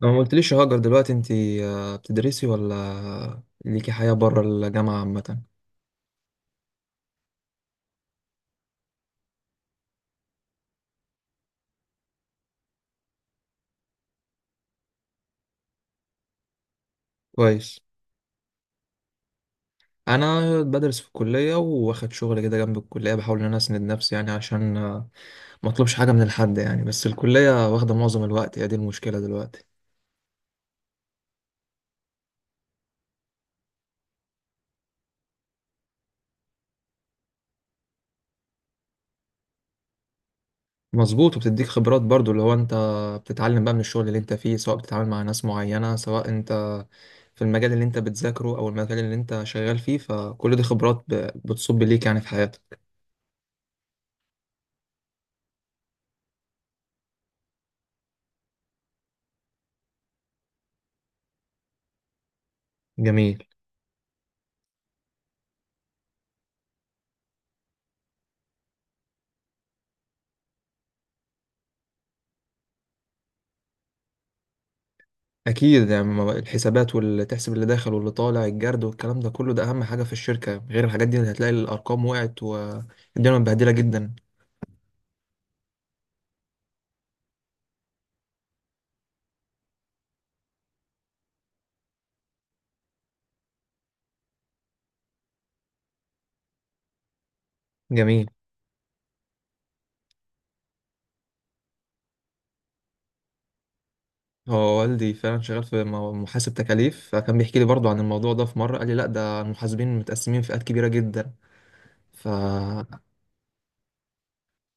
لو ما قلتليش يا هاجر، دلوقتي انت بتدرسي ولا ليكي حياة بره الجامعة عامة؟ كويس. انا بدرس في الكلية، واخد شغل كده جنب الكلية. بحاول ان انا اسند نفسي يعني، عشان ما اطلبش حاجة من الحد يعني. بس الكلية واخدة معظم الوقت، هي دي المشكلة دلوقتي. مظبوط، وبتديك خبرات برضو. اللي هو انت بتتعلم بقى من الشغل اللي انت فيه، سواء بتتعامل مع ناس معينة، سواء انت في المجال اللي انت بتذاكره او المجال اللي انت شغال فيه. فكل دي خبرات بتصب ليك يعني في حياتك. جميل. اكيد يعني الحسابات واللي تحسب اللي داخل واللي طالع، الجرد والكلام ده كله، ده اهم حاجه في الشركه. غير الحاجات دي هتلاقي الارقام وقعت والدنيا متبهدله جدا. جميل. هو والدي فعلا شغال في محاسب تكاليف، فكان بيحكي لي برضو عن الموضوع ده. في مره قال لي لا، ده المحاسبين متقسمين فئات كبيره جدا. ف...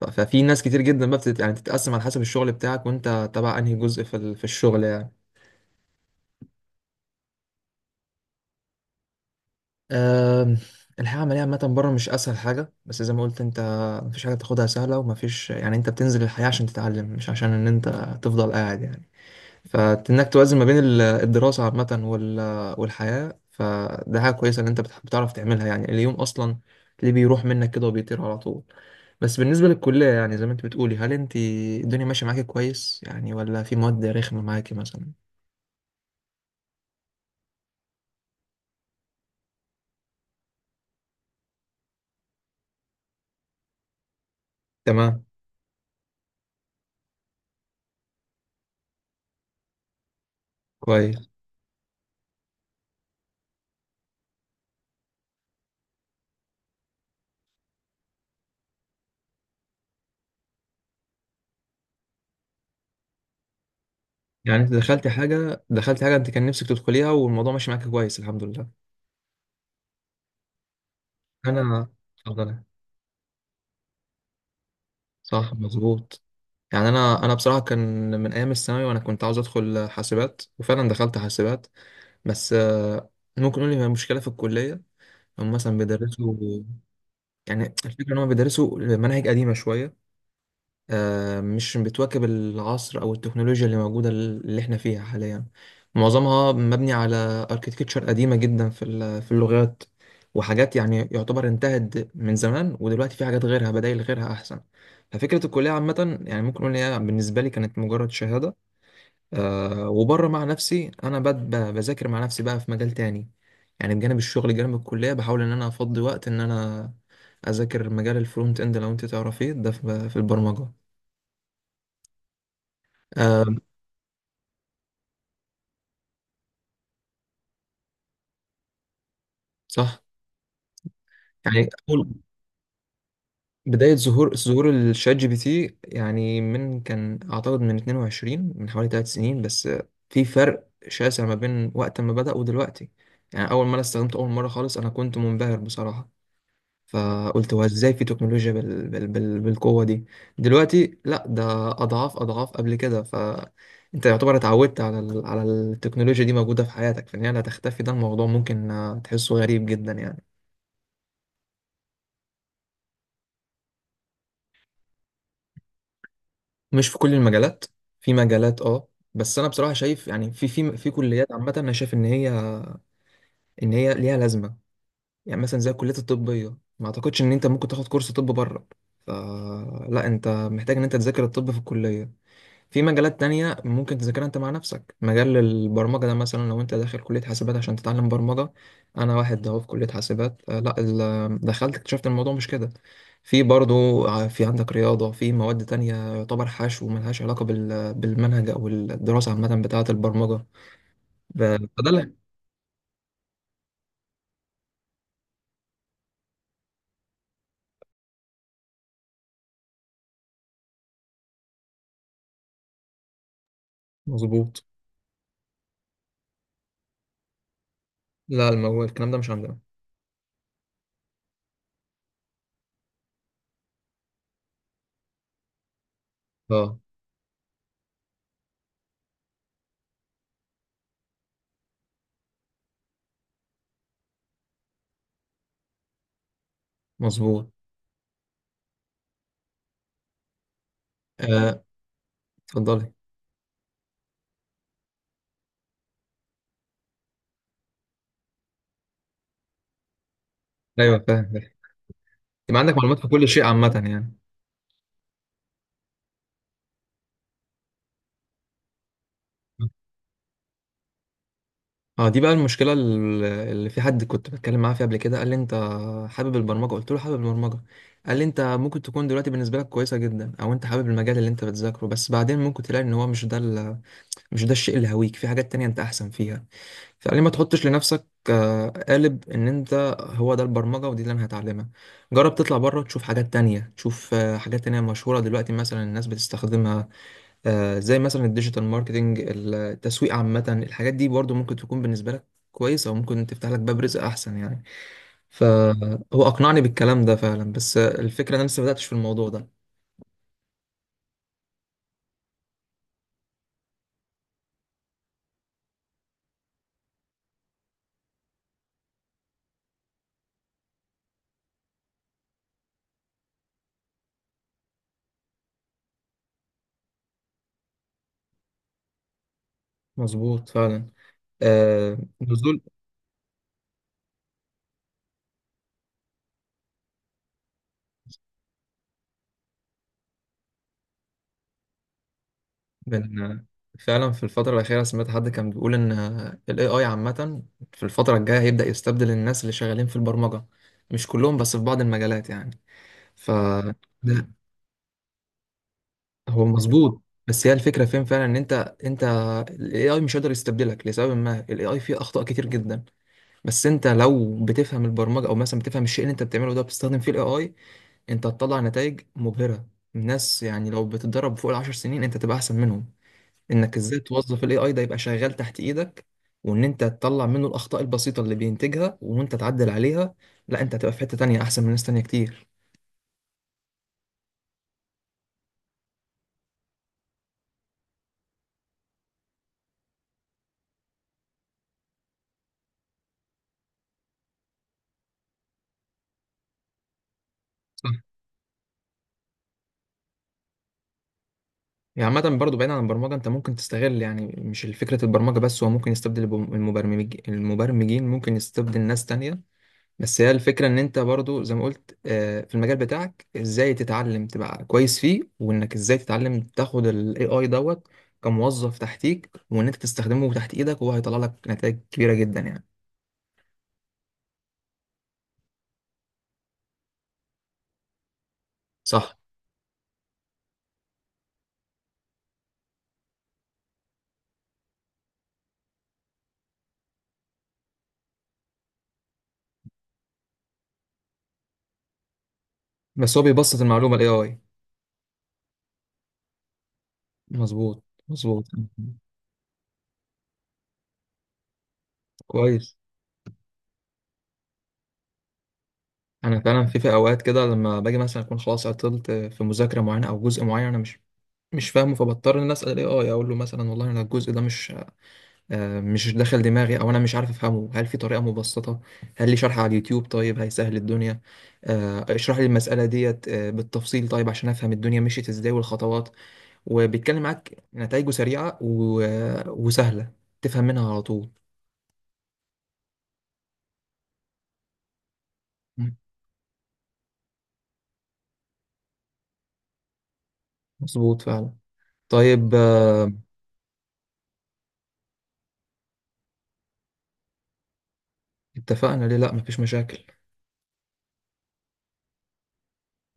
ففي ناس كتير جدا بقى يعني تتقسم على حسب الشغل بتاعك، وانت تبع انهي جزء في الشغل يعني. أم، الحياة العملية عامة بره مش أسهل حاجة، بس زي ما قلت أنت، مفيش حاجة تاخدها سهلة. ومفيش يعني، أنت بتنزل الحياة عشان تتعلم، مش عشان إن أنت تفضل قاعد يعني. فإنك توازن ما بين الدراسة عامة والحياة، فده حاجة كويسة إن أنت بتعرف تعملها. يعني اليوم أصلا ليه بيروح منك كده وبيطير على طول؟ بس بالنسبة للكلية يعني، زي ما أنت بتقولي، هل أنت الدنيا ماشية معاكي كويس يعني، ولا في مواد رخمة معاكي مثلا؟ تمام. كويس. يعني انت دخلت حاجة انت كان نفسك تدخليها، والموضوع ماشي معاك كويس الحمد لله. انا. اتفضل. صح، مظبوط. يعني انا بصراحة كان من ايام الثانوي، وانا كنت عاوز ادخل حاسبات وفعلا دخلت حاسبات. بس ممكن نقول لي المشكلة في الكلية، هم مثلا بيدرسوا. يعني الفكرة ان هم بيدرسوا مناهج قديمة شوية. مش بتواكب العصر او التكنولوجيا اللي موجوده، اللي احنا فيها حاليا. معظمها مبني على اركيتكتشر قديمه جدا في اللغات. وحاجات يعني يعتبر انتهت من زمان، ودلوقتي في حاجات غيرها، بدائل غيرها احسن. ففكره الكليه عامه، يعني ممكن اقول إن هي بالنسبه لي كانت مجرد شهاده. وبره مع نفسي انا بذاكر مع نفسي بقى في مجال تاني. يعني بجانب الشغل، جانب الكليه، بحاول ان انا افضي وقت ان انا اذاكر مجال الفرونت اند، لو انت تعرفيه ده في البرمجه. آم، صح. يعني اول بدايه ظهور الشات جي بي تي، يعني من كان اعتقد من 22، من حوالي 3 سنين. بس في فرق شاسع ما بين وقت ما بدأ ودلوقتي. يعني اول ما انا استخدمته اول مره خالص، انا كنت منبهر بصراحه. فقلت هو ازاي في تكنولوجيا بالقوه دي؟ دلوقتي لا، ده اضعاف اضعاف قبل كده. فانت يعتبر اتعودت على التكنولوجيا دي موجوده في حياتك، فان هي لا تختفي. ده الموضوع ممكن تحسه غريب جدا يعني. مش في كل المجالات، في مجالات، اه. بس انا بصراحه شايف يعني في كليات عامه، انا شايف ان هي ليها لازمه. يعني مثلا زي الكليات الطبيه، ما اعتقدش ان انت ممكن تاخد كورس طب بره. فلا، انت محتاج ان انت تذاكر الطب في الكليه. في مجالات تانية ممكن تذاكرها انت مع نفسك. مجال البرمجة ده مثلا، لو انت داخل كلية حاسبات عشان تتعلم برمجة، انا واحد اهو في كلية حاسبات. لا، دخلت اكتشفت الموضوع مش كده. في برضو في عندك رياضة، في مواد تانية يعتبر حشو وملهاش علاقة بالمنهج او الدراسة عامة بتاعة البرمجة. فده. مظبوط. لا، الكلام ده مش عندنا. اه. مظبوط، آه، اتفضلي. ايوه فاهم. يبقى عندك معلومات في كل شيء عامة يعني. اه، دي بقى المشكلة اللي، في حد كنت بتكلم معاه فيها قبل كده، قال لي انت حابب البرمجة، قلت له حابب البرمجة. قال لي انت ممكن تكون دلوقتي بالنسبة لك كويسة جدا او انت حابب المجال اللي انت بتذاكره، بس بعدين ممكن تلاقي ان هو مش ده الشيء اللي هويك، في حاجات تانية انت احسن فيها. فقال لي ما تحطش لنفسك قالب ان انت هو ده البرمجة ودي اللي انا هتعلمها. جرب تطلع بره تشوف حاجات تانية، تشوف حاجات تانية مشهورة دلوقتي مثلا الناس بتستخدمها. زي مثلا الديجيتال ماركتينج، التسويق عامة، الحاجات دي برضو ممكن تكون بالنسبة لك كويسة، وممكن تفتح لك باب رزق أحسن يعني. فهو أقنعني بالكلام ده فعلا، بس الفكرة أنا لسه ما بدأتش في الموضوع ده. مظبوط فعلا. آه، نزول من فعلا في الفترة الأخيرة سمعت حد كان بيقول إن ال AI عامة في الفترة الجاية هيبدأ يستبدل الناس اللي شغالين في البرمجة. مش كلهم، بس في بعض المجالات يعني. ف هو مظبوط، بس هي الفكره فين فعلا، ان انت الاي اي مش قادر يستبدلك. لسبب ما الاي اي فيه اخطاء كتير جدا. بس انت لو بتفهم البرمجه، او مثلا بتفهم الشيء اللي انت بتعمله ده بتستخدم فيه الاي اي، انت هتطلع نتائج مبهره. الناس، يعني لو بتتدرب فوق ال10 سنين، انت تبقى احسن منهم. انك ازاي توظف الاي اي، ده يبقى شغال تحت ايدك، وان انت تطلع منه الاخطاء البسيطه اللي بينتجها، وانت تعدل عليها. لا، انت هتبقى في حته تانية احسن من ناس تانية كتير. يعني عامة برضه بعيد عن البرمجة، انت ممكن تستغل يعني مش فكرة البرمجة بس، هو ممكن يستبدل المبرمجين، ممكن يستبدل ناس تانية. بس هي الفكرة ان انت برضه زي ما قلت، في المجال بتاعك ازاي تتعلم تبقى كويس فيه، وانك ازاي تتعلم تاخد ال AI دوت كموظف تحتيك، وان انت تستخدمه تحت ايدك وهو هيطلع لك نتائج كبيرة جدا يعني. صح. بس هو بيبسط المعلومة ال AI. مظبوط، مظبوط. كويس. انا فعلا في اوقات كده، لما باجي مثلا اكون خلاص عطلت في مذاكره معينه او جزء معين انا مش فاهمه، فبضطر ان أنا اسال الاي اي. اقول له مثلا والله انا الجزء ده مش داخل دماغي، او انا مش عارف افهمه. هل في طريقه مبسطه؟ هل لي شرح على اليوتيوب؟ طيب هيسهل الدنيا. اشرح لي المساله ديت بالتفصيل، طيب عشان افهم الدنيا مشيت ازاي والخطوات. وبيتكلم معاك، نتائجه سريعه وسهله. تفهم منها على طول. مم. مظبوط فعلا. طيب. اتفقنا؟ ليه لا، مفيش مشاكل.